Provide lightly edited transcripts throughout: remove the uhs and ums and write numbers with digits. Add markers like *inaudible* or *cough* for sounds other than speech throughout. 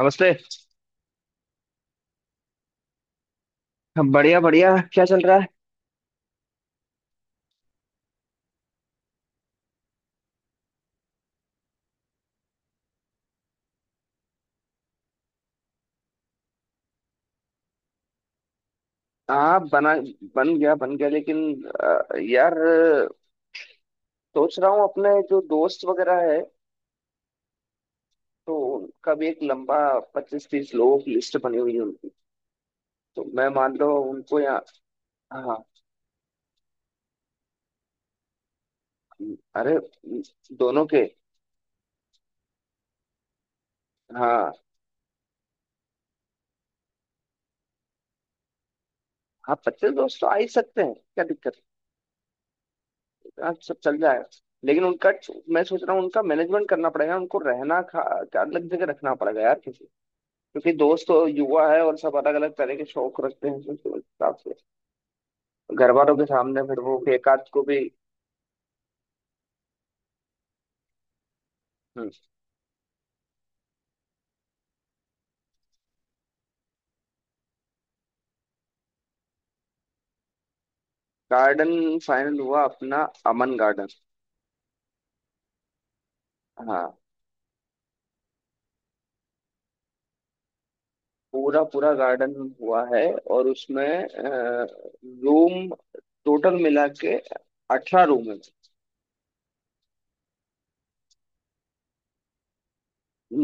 नमस्ते। बढ़िया बढ़िया, क्या चल रहा है? हाँ बना। बन गया बन गया, लेकिन यार सोच रहा हूँ अपने जो दोस्त वगैरह है, तो उनका भी एक लंबा 25-30 लोगों की लिस्ट बनी हुई है उनकी। तो मैं, मान लो, उनको यहाँ। हाँ। अरे, दोनों के। हाँ हाँ, 25 दोस्त तो आ ही सकते हैं, क्या दिक्कत है? हाँ, सब चल जाएगा। लेकिन उनका मैं सोच रहा हूँ, उनका मैनेजमेंट करना पड़ेगा, उनको रहना खा क्या अलग जगह रखना पड़ेगा यार। क्योंकि दोस्त तो युवा है और सब अलग अलग तरह के शौक रखते हैं, तो उस हिसाब से घर वालों के सामने फिर वो एक आध को भी। गार्डन फाइनल हुआ अपना, अमन गार्डन। हाँ। पूरा पूरा गार्डन हुआ है, और उसमें रूम टोटल मिला के 18 रूम है।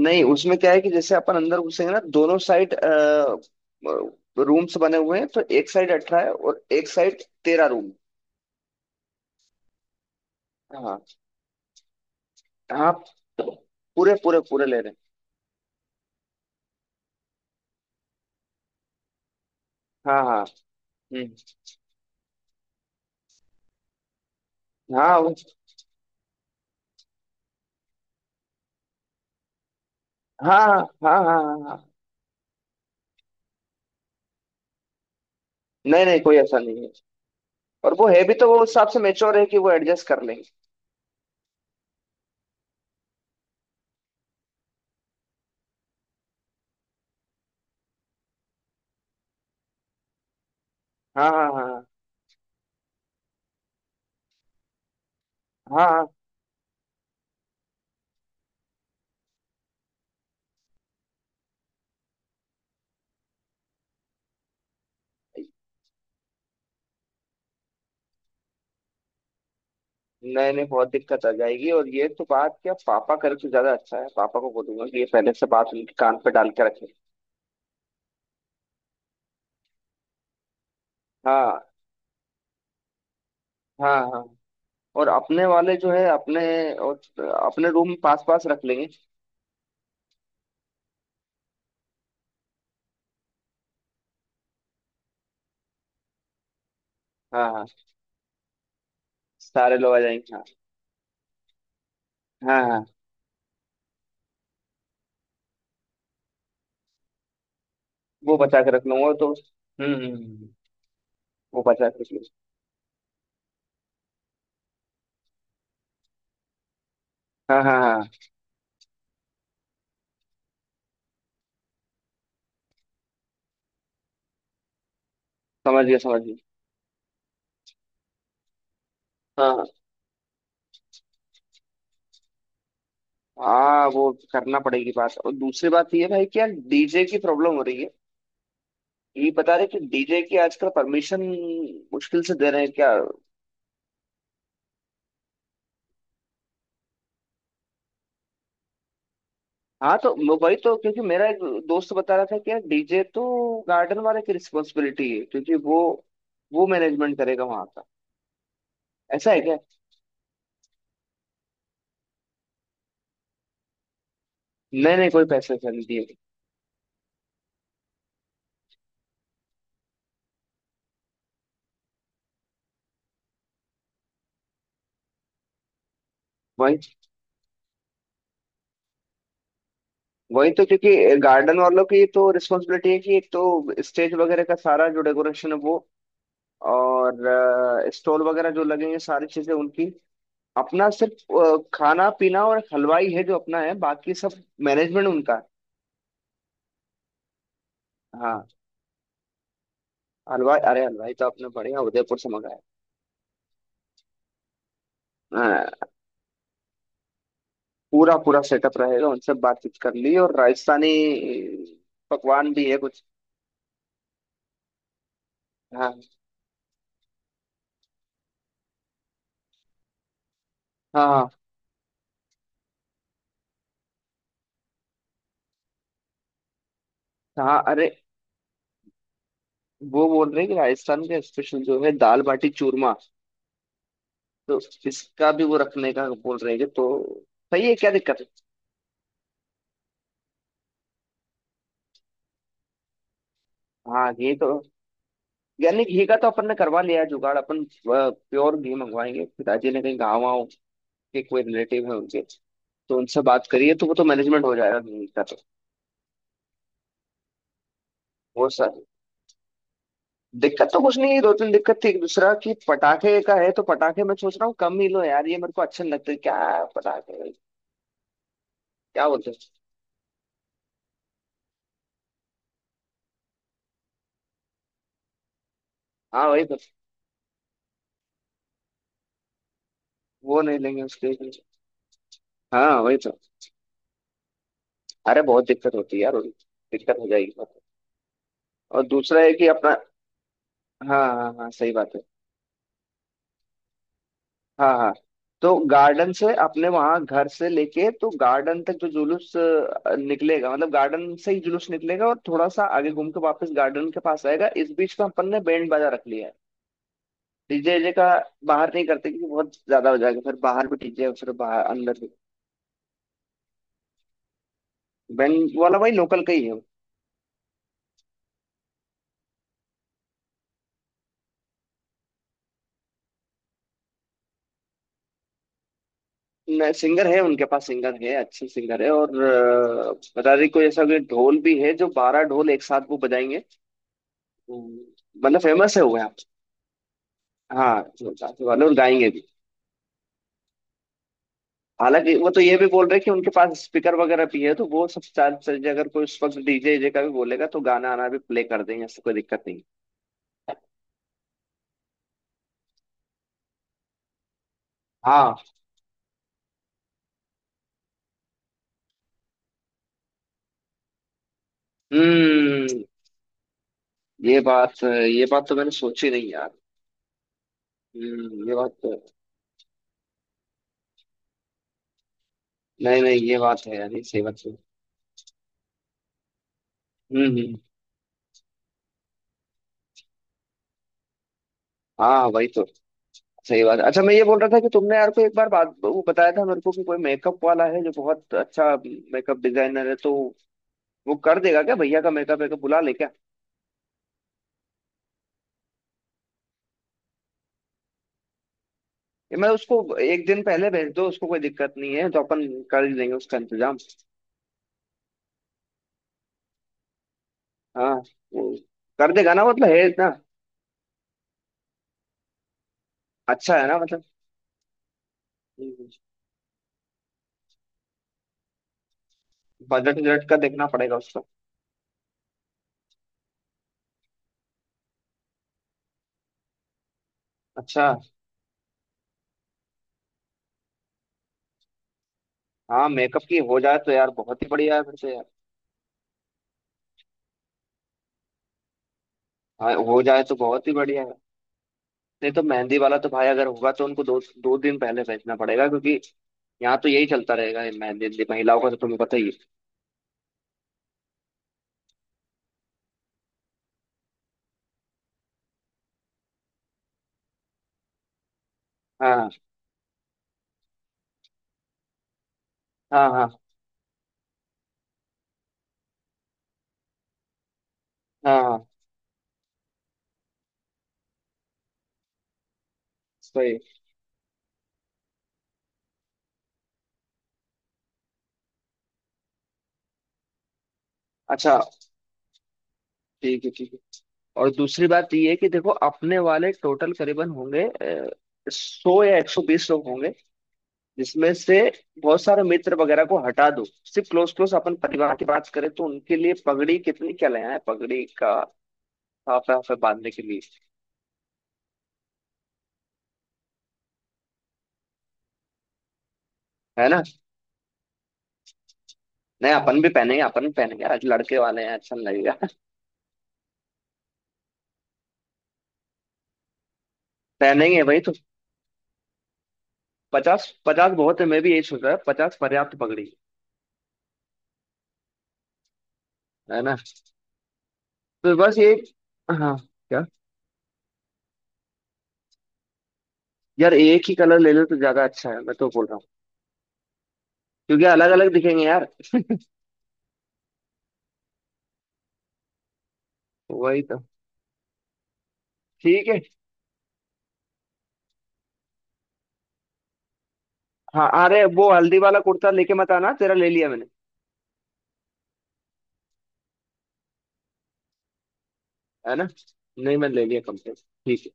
नहीं, उसमें क्या है कि जैसे अपन अंदर घुसेंगे ना, दोनों साइड रूम्स बने हुए हैं, तो एक साइड 18 है और एक साइड 13 रूम। हाँ। हाँ, पूरे पूरे पूरे ले। हाँ। हाँ। हम्म। हाँ वो- हाँ हाँ हाँ हाँ। हाँ हाँ। नहीं नहीं, कोई ऐसा नहीं है। और वो है भी तो वो उस हिसाब से मेच्योर है कि वो एडजस्ट कर लेंगे। हाँ हाँ हाँ हाँ। हाँ हाँ। नहीं नहीं, बहुत दिक्कत आ जाएगी, और ये तो बात क्या पापा करे तो ज्यादा अच्छा है। पापा को बोलूंगा कि ये पहले से बात उनके कान पे डाल के रखे। हाँ हाँ हाँ। और अपने वाले जो है, अपने और अपने रूम पास पास रख लेंगे। हाँ हाँ। सारे लोग आ जाएंगे हाँ। हाँ हाँ। वो बचा के रख लूंगा तो वो बचा के रख लूंगा। हाँ हाँ हाँ। समझ गया समझ गया। हाँ हाँ हाँ, वो करना पड़ेगी बात। और दूसरी बात ये है भाई कि यार डीजे की प्रॉब्लम हो रही है। ये बता रहे कि डीजे की आजकल परमिशन मुश्किल से दे रहे हैं क्या। हाँ, तो मैं वही तो, क्योंकि मेरा एक दोस्त बता रहा था कि यार डीजे तो गार्डन वाले की रिस्पॉन्सिबिलिटी है, क्योंकि वो मैनेजमेंट करेगा वहां का। ऐसा है क्या? नहीं नहीं, कोई पैसे वैसे नहीं दिए। वही वही तो क्योंकि गार्डन वालों की तो रिस्पॉन्सिबिलिटी है कि एक तो स्टेज वगैरह का सारा जो डेकोरेशन है वो, और स्टॉल वगैरह जो लगेंगे सारी चीजें उनकी। अपना सिर्फ खाना पीना और हलवाई है जो अपना है, बाकी सब मैनेजमेंट उनका है। हाँ। हलवाई? अरे हलवाई तो आपने बढ़िया उदयपुर से मंगाया। हाँ, पूरा पूरा सेटअप रहेगा, उनसे बातचीत कर ली। और राजस्थानी पकवान भी है कुछ। हाँ हाँ हाँ। हाँ। अरे, वो बोल रहे हैं कि राजस्थान का स्पेशल जो है दाल बाटी चूरमा, तो इसका भी वो रखने का बोल रहे हैं, कि तो सही है, क्या दिक्कत है। हाँ ये तो, यानी घी का तो अपन ने करवा लिया है जुगाड़। अपन प्योर घी मंगवाएंगे। पिताजी ने कहीं गाँव वाँव के कोई रिलेटिव है उनके, तो उनसे बात करिए तो वो तो मैनेजमेंट हो जाएगा घी का तो। वो सर, दिक्कत तो कुछ नहीं है। 2-3 दिक्कत थी, एक दूसरा कि पटाखे का है, तो पटाखे मैं सोच रहा हूँ कम ही लो यार। ये मेरे को अच्छे नहीं लगते क्या पटाखे, क्या बोलते हैं। हाँ वही तो, वो नहीं लेंगे उसके लिए। हाँ वही तो। अरे बहुत दिक्कत होती है यार दिक्कत हो जाएगी। और दूसरा है कि अपना, हाँ हाँ हाँ, सही बात है। हाँ हाँ। तो गार्डन से अपने वहां घर से लेके तो गार्डन तक जो जुलूस निकलेगा, मतलब गार्डन से ही जुलूस निकलेगा, और थोड़ा सा आगे घूम के वापस गार्डन के पास आएगा, इस बीच में अपन ने बैंड बाजा रख लिया है। डीजे जे का बाहर नहीं करते, क्योंकि बहुत ज्यादा हो जाएगा फिर, बाहर भी डीजे फिर बाहर अंदर भी। बैंड वाला भाई लोकल का ही। है सिंगर, है उनके पास सिंगर, है अच्छे सिंगर है। और बता रही कोई ऐसा कोई ढोल भी है जो 12 ढोल एक साथ वो बजाएंगे, तो मतलब फेमस है वो यहाँ पे। हाँ जो साथ वाले, और गाएंगे। हालांकि वो तो ये भी बोल रहे कि उनके पास स्पीकर वगैरह भी है, तो वो सब चार चीजें अगर कोई उस वक्त डीजे वीजे का भी बोलेगा तो गाना आना भी प्ले कर देंगे, ऐसी कोई दिक्कत नहीं। हाँ। हम्म। ये बात तो मैंने सोची नहीं यार। हम्म, ये बात तो नहीं नहीं, ये बात है यार, ये सही बात है। हम्म। हाँ वही तो। सही बात है। अच्छा, मैं ये बोल रहा था कि तुमने यार को एक बार बात वो बताया था मेरे को कि कोई मेकअप वाला है जो बहुत अच्छा मेकअप डिजाइनर है, तो वो कर देगा क्या भैया का मेकअप वेकअप? बुला ले क्या? मैं उसको एक दिन पहले भेज दो, उसको कोई दिक्कत नहीं है तो अपन कर ही लेंगे उसका इंतजाम। हाँ, वो कर देगा ना मतलब, है ना? अच्छा है ना मतलब। बजट वजट का देखना पड़ेगा उसको। अच्छा। हाँ, मेकअप की हो जाए तो यार बहुत ही बढ़िया है फिर से यार। हाँ, हो जाए तो बहुत ही बढ़िया है। नहीं तो मेहंदी वाला तो भाई अगर होगा तो उनको दो दो दिन पहले भेजना पड़ेगा, क्योंकि यहाँ तो यही चलता रहेगा ये मेहंदी वेहंदी, महिलाओं का तो तुम्हें पता ही है। हाँ हाँ हाँ हाँ हाँ। सही। अच्छा ठीक है ठीक है। और दूसरी बात ये है कि देखो अपने वाले टोटल करीबन होंगे 100 या 120 लोग होंगे, जिसमें से बहुत सारे मित्र वगैरह को हटा दो, सिर्फ क्लोज क्लोज अपन परिवार की बात करें तो उनके लिए पगड़ी कितनी क्या ले आए पगड़ी का, हाफ हाफ बांधने के लिए। है ना? नहीं, अपन भी पहनेंगे अपन भी पहनेंगे, आज लड़के वाले हैं, अच्छा नहीं लगेगा। *laughs* पहनेंगे भाई तो। 50 पचास बहुत है, मैं भी यही सोच रहा है, 50 पर्याप्त पगड़ी। है ना? तो बस ये। हाँ। क्या? यार एक ही कलर ले लो तो ज्यादा अच्छा है मैं तो बोल रहा हूँ, क्योंकि अलग अलग दिखेंगे यार। वही तो। ठीक है। हाँ, अरे वो हल्दी वाला कुर्ता लेके मत आना, तेरा ले लिया मैंने। है ना? नहीं, मैंने ले लिया कम से कम। ठीक है।